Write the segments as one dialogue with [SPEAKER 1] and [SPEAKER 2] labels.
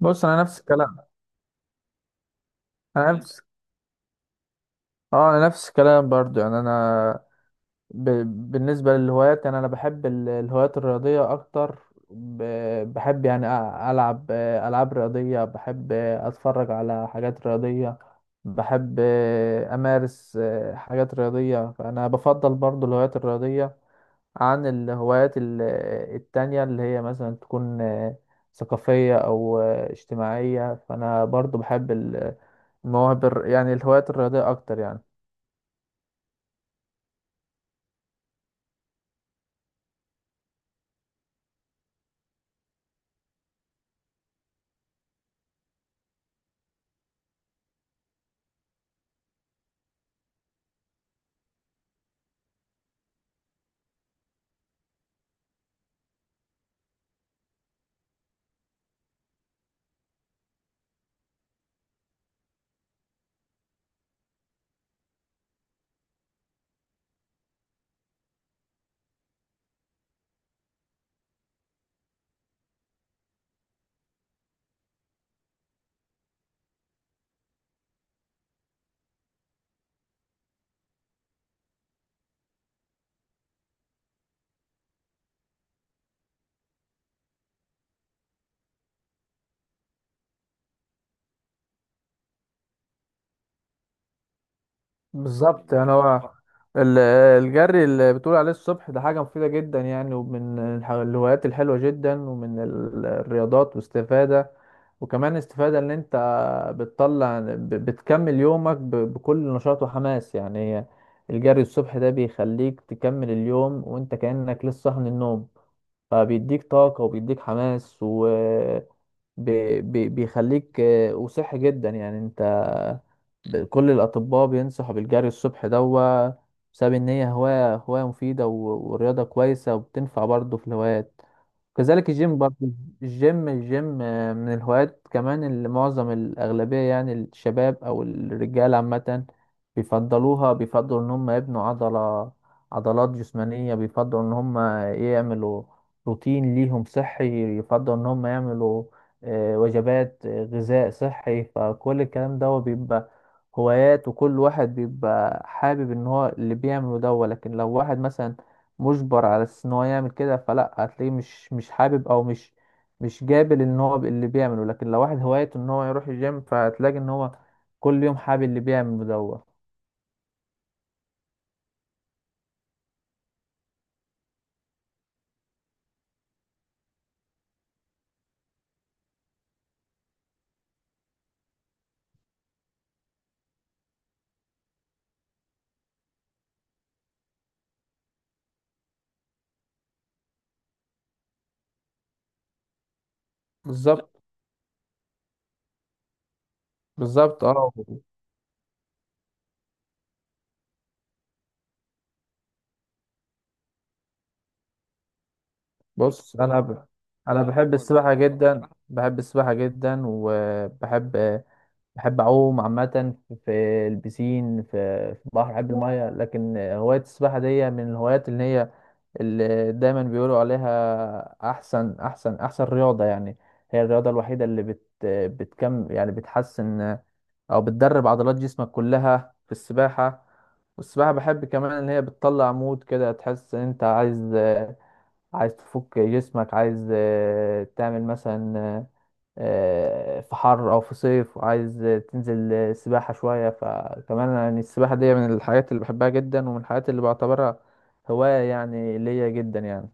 [SPEAKER 1] بص، انا نفس الكلام. انا نفس اه انا نفس الكلام برضو. يعني انا ب... بالنسبه للهوايات، يعني انا بحب الهوايات الرياضيه اكتر. ب... بحب، يعني العب العاب رياضيه، بحب اتفرج على حاجات رياضيه، بحب امارس حاجات رياضيه. فانا بفضل برضو الهوايات الرياضيه عن الهوايات التانية، اللي هي مثلا تكون ثقافية أو اجتماعية. فأنا برضو بحب المواهب يعني الهوايات الرياضية أكتر يعني. بالظبط، يعني هو ال- الجري اللي بتقول عليه الصبح ده حاجة مفيدة جدا يعني، ومن الهوايات الحلوة جدا، ومن الرياضات واستفادة. وكمان استفادة ان انت بتكمل يومك بكل نشاط وحماس. يعني هي الجري الصبح ده بيخليك تكمل اليوم وانت كأنك لسه صاحي من النوم، فبيديك طاقة وبيديك حماس بي بي بيخليك وصحي جدا. يعني انت كل الأطباء بينصحوا بالجري الصبح دوا، بسبب إن هي هواية مفيدة ورياضة كويسة، وبتنفع برضه في الهوايات. كذلك الجيم برضه. الجيم من الهوايات كمان، اللي معظم الأغلبية يعني الشباب أو الرجال عامة بيفضلوها. بيفضلوا إن هم يبنوا عضلات جسمانية، بيفضلوا إن هم يعملوا روتين ليهم صحي، يفضلوا إن هم يعملوا وجبات غذاء صحي. فكل الكلام ده هو بيبقى هوايات، وكل واحد بيبقى حابب ان هو اللي بيعمله ده هو. لكن لو واحد مثلا مجبر على اساس ان هو يعمل كده، فلا هتلاقيه مش حابب، او مش قابل ان هو اللي بيعمله. لكن لو واحد هوايته ان هو يروح الجيم، فهتلاقي ان هو كل يوم حابب اللي بيعمله ده هو. بالظبط. بالظبط، اه. بص، انا انا لا، بحب هو السباحة جدا، بحب السباحة جدا، وبحب، بحب اعوم عامة في البسين، في البحر، بحب المية. لكن هواية السباحة دي من الهوايات اللي هي اللي دايما بيقولوا عليها احسن احسن رياضة يعني. هي الرياضة الوحيدة اللي بتكم، يعني بتحسن او بتدرب عضلات جسمك كلها في السباحة. والسباحة بحب كمان ان هي بتطلع مود كده، تحس ان انت عايز تفك جسمك، عايز تعمل مثلا في حر او في صيف، وعايز تنزل سباحة شوية. فكمان يعني السباحة دي من الحاجات اللي بحبها جدا، ومن الحاجات اللي بعتبرها هواية يعني ليا جدا يعني.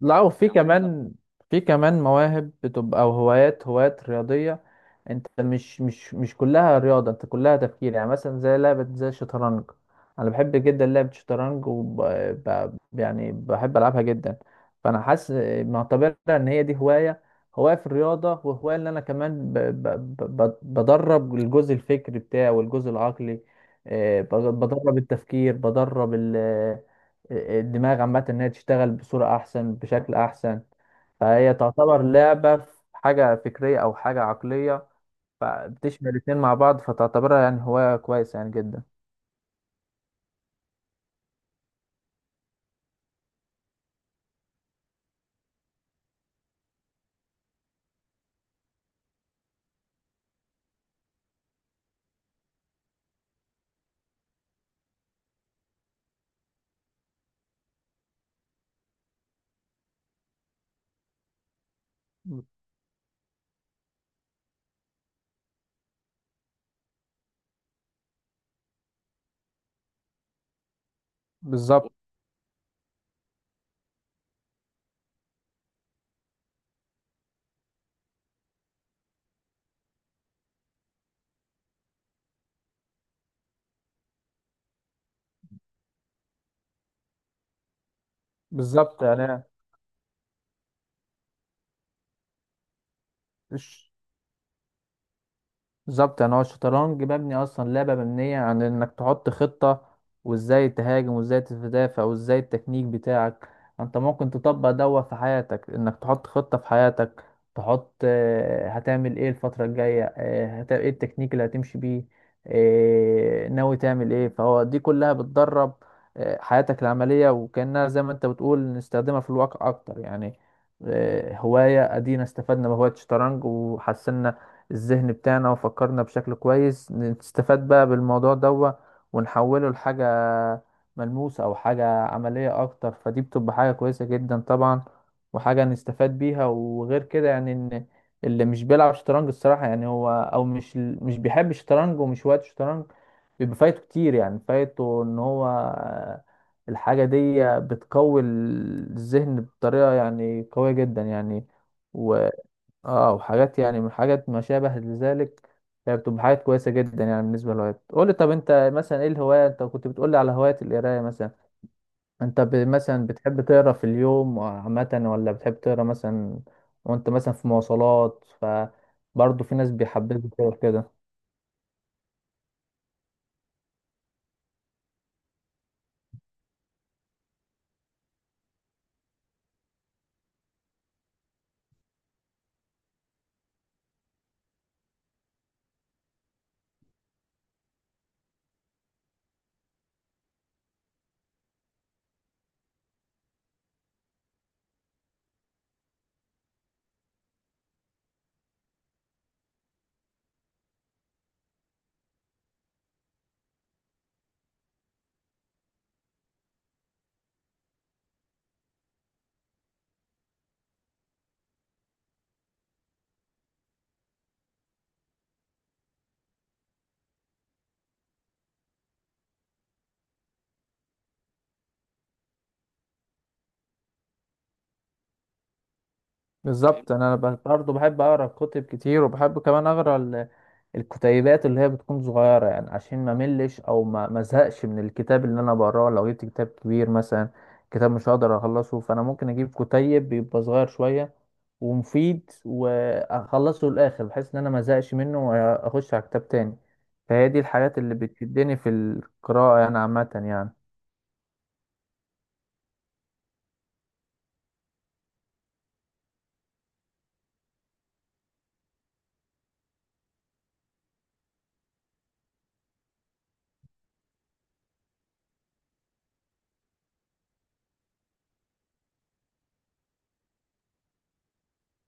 [SPEAKER 1] لا، وفي يعني مثلا كمان، في كمان مواهب بتبقى، او هوايات رياضية. انت مش مش كلها رياضة، انت كلها تفكير. يعني مثلا زي لعبة زي الشطرنج، انا بحب جدا لعبة الشطرنج يعني بحب العبها جدا. فانا حاسس، معتبرها ان هي دي هواية، هواية في الرياضة، وهواية ان انا كمان بدرب الجزء الفكري بتاعي والجزء العقلي. آه، بدرب التفكير، بدرب الدماغ عامة إنها تشتغل بصورة أحسن، بشكل أحسن. فهي تعتبر لعبة في حاجة فكرية أو حاجة عقلية، فبتشمل الاتنين مع بعض. فتعتبرها يعني هواية كويسة يعني جدا. بالظبط. بالظبط يعني الش- بالظبط يعني هو الشطرنج مبني اصلا، لعبه مبنيه عن انك تحط خطه، وازاي تهاجم، وازاي تدافع، وازاي التكنيك بتاعك. انت ممكن تطبق دوت في حياتك، انك تحط خطه في حياتك، تحط هتعمل ايه الفتره الجايه، ايه التكنيك اللي هتمشي بيه، ناوي تعمل ايه. فهو دي كلها بتدرب حياتك العمليه، وكانها زي ما انت بتقول نستخدمها في الواقع اكتر يعني. هوايه ادينا استفدنا بهوايه الشطرنج، وحسنا الذهن بتاعنا، وفكرنا بشكل كويس. نستفاد بقى بالموضوع ده ونحوله لحاجة ملموسة، أو حاجة عملية أكتر. فدي بتبقى حاجة كويسة جدا طبعا، وحاجة نستفاد بيها. وغير كده يعني، إن اللي مش بيلعب شطرنج الصراحة، يعني هو أو مش بيحب الشطرنج، ومش وقت شطرنج، بيبقى فايته كتير. يعني فايته إن هو الحاجة دي بتقوي الذهن بطريقة يعني قوية جدا يعني. اه، وحاجات يعني من حاجات ما شابه لذلك، يعني بتبقى حاجات كويسه جدا يعني. بالنسبه للهوايات، قول لي طب انت مثلا ايه الهوايه؟ انت كنت بتقول لي على هوايه القرايه مثلا، انت مثلا بتحب تقرا في اليوم عامه، ولا بتحب تقرا مثلا وانت مثلا في مواصلات؟ ف برضه في ناس بيحببوا تقرا كده. فاهم، بالظبط. انا برضه بحب اقرا كتب كتير، وبحب كمان اقرا الكتيبات اللي هي بتكون صغيره، يعني عشان ما ملش، او ما زهقش من الكتاب. اللي انا بقراه لو جبت كتاب كبير مثلا، كتاب مش هقدر اخلصه، فانا ممكن اجيب كتيب بيبقى صغير شويه ومفيد، واخلصه للاخر، بحيث ان انا ما زهقش منه واخش على كتاب تاني. فهي دي الحاجات اللي بتشدني في القراءه يعني عامه يعني.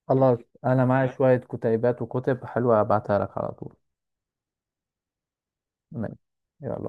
[SPEAKER 1] خلاص، انا معايا شويه كتيبات وكتب حلوه، ابعتها لك على طول. ماشي، يلا.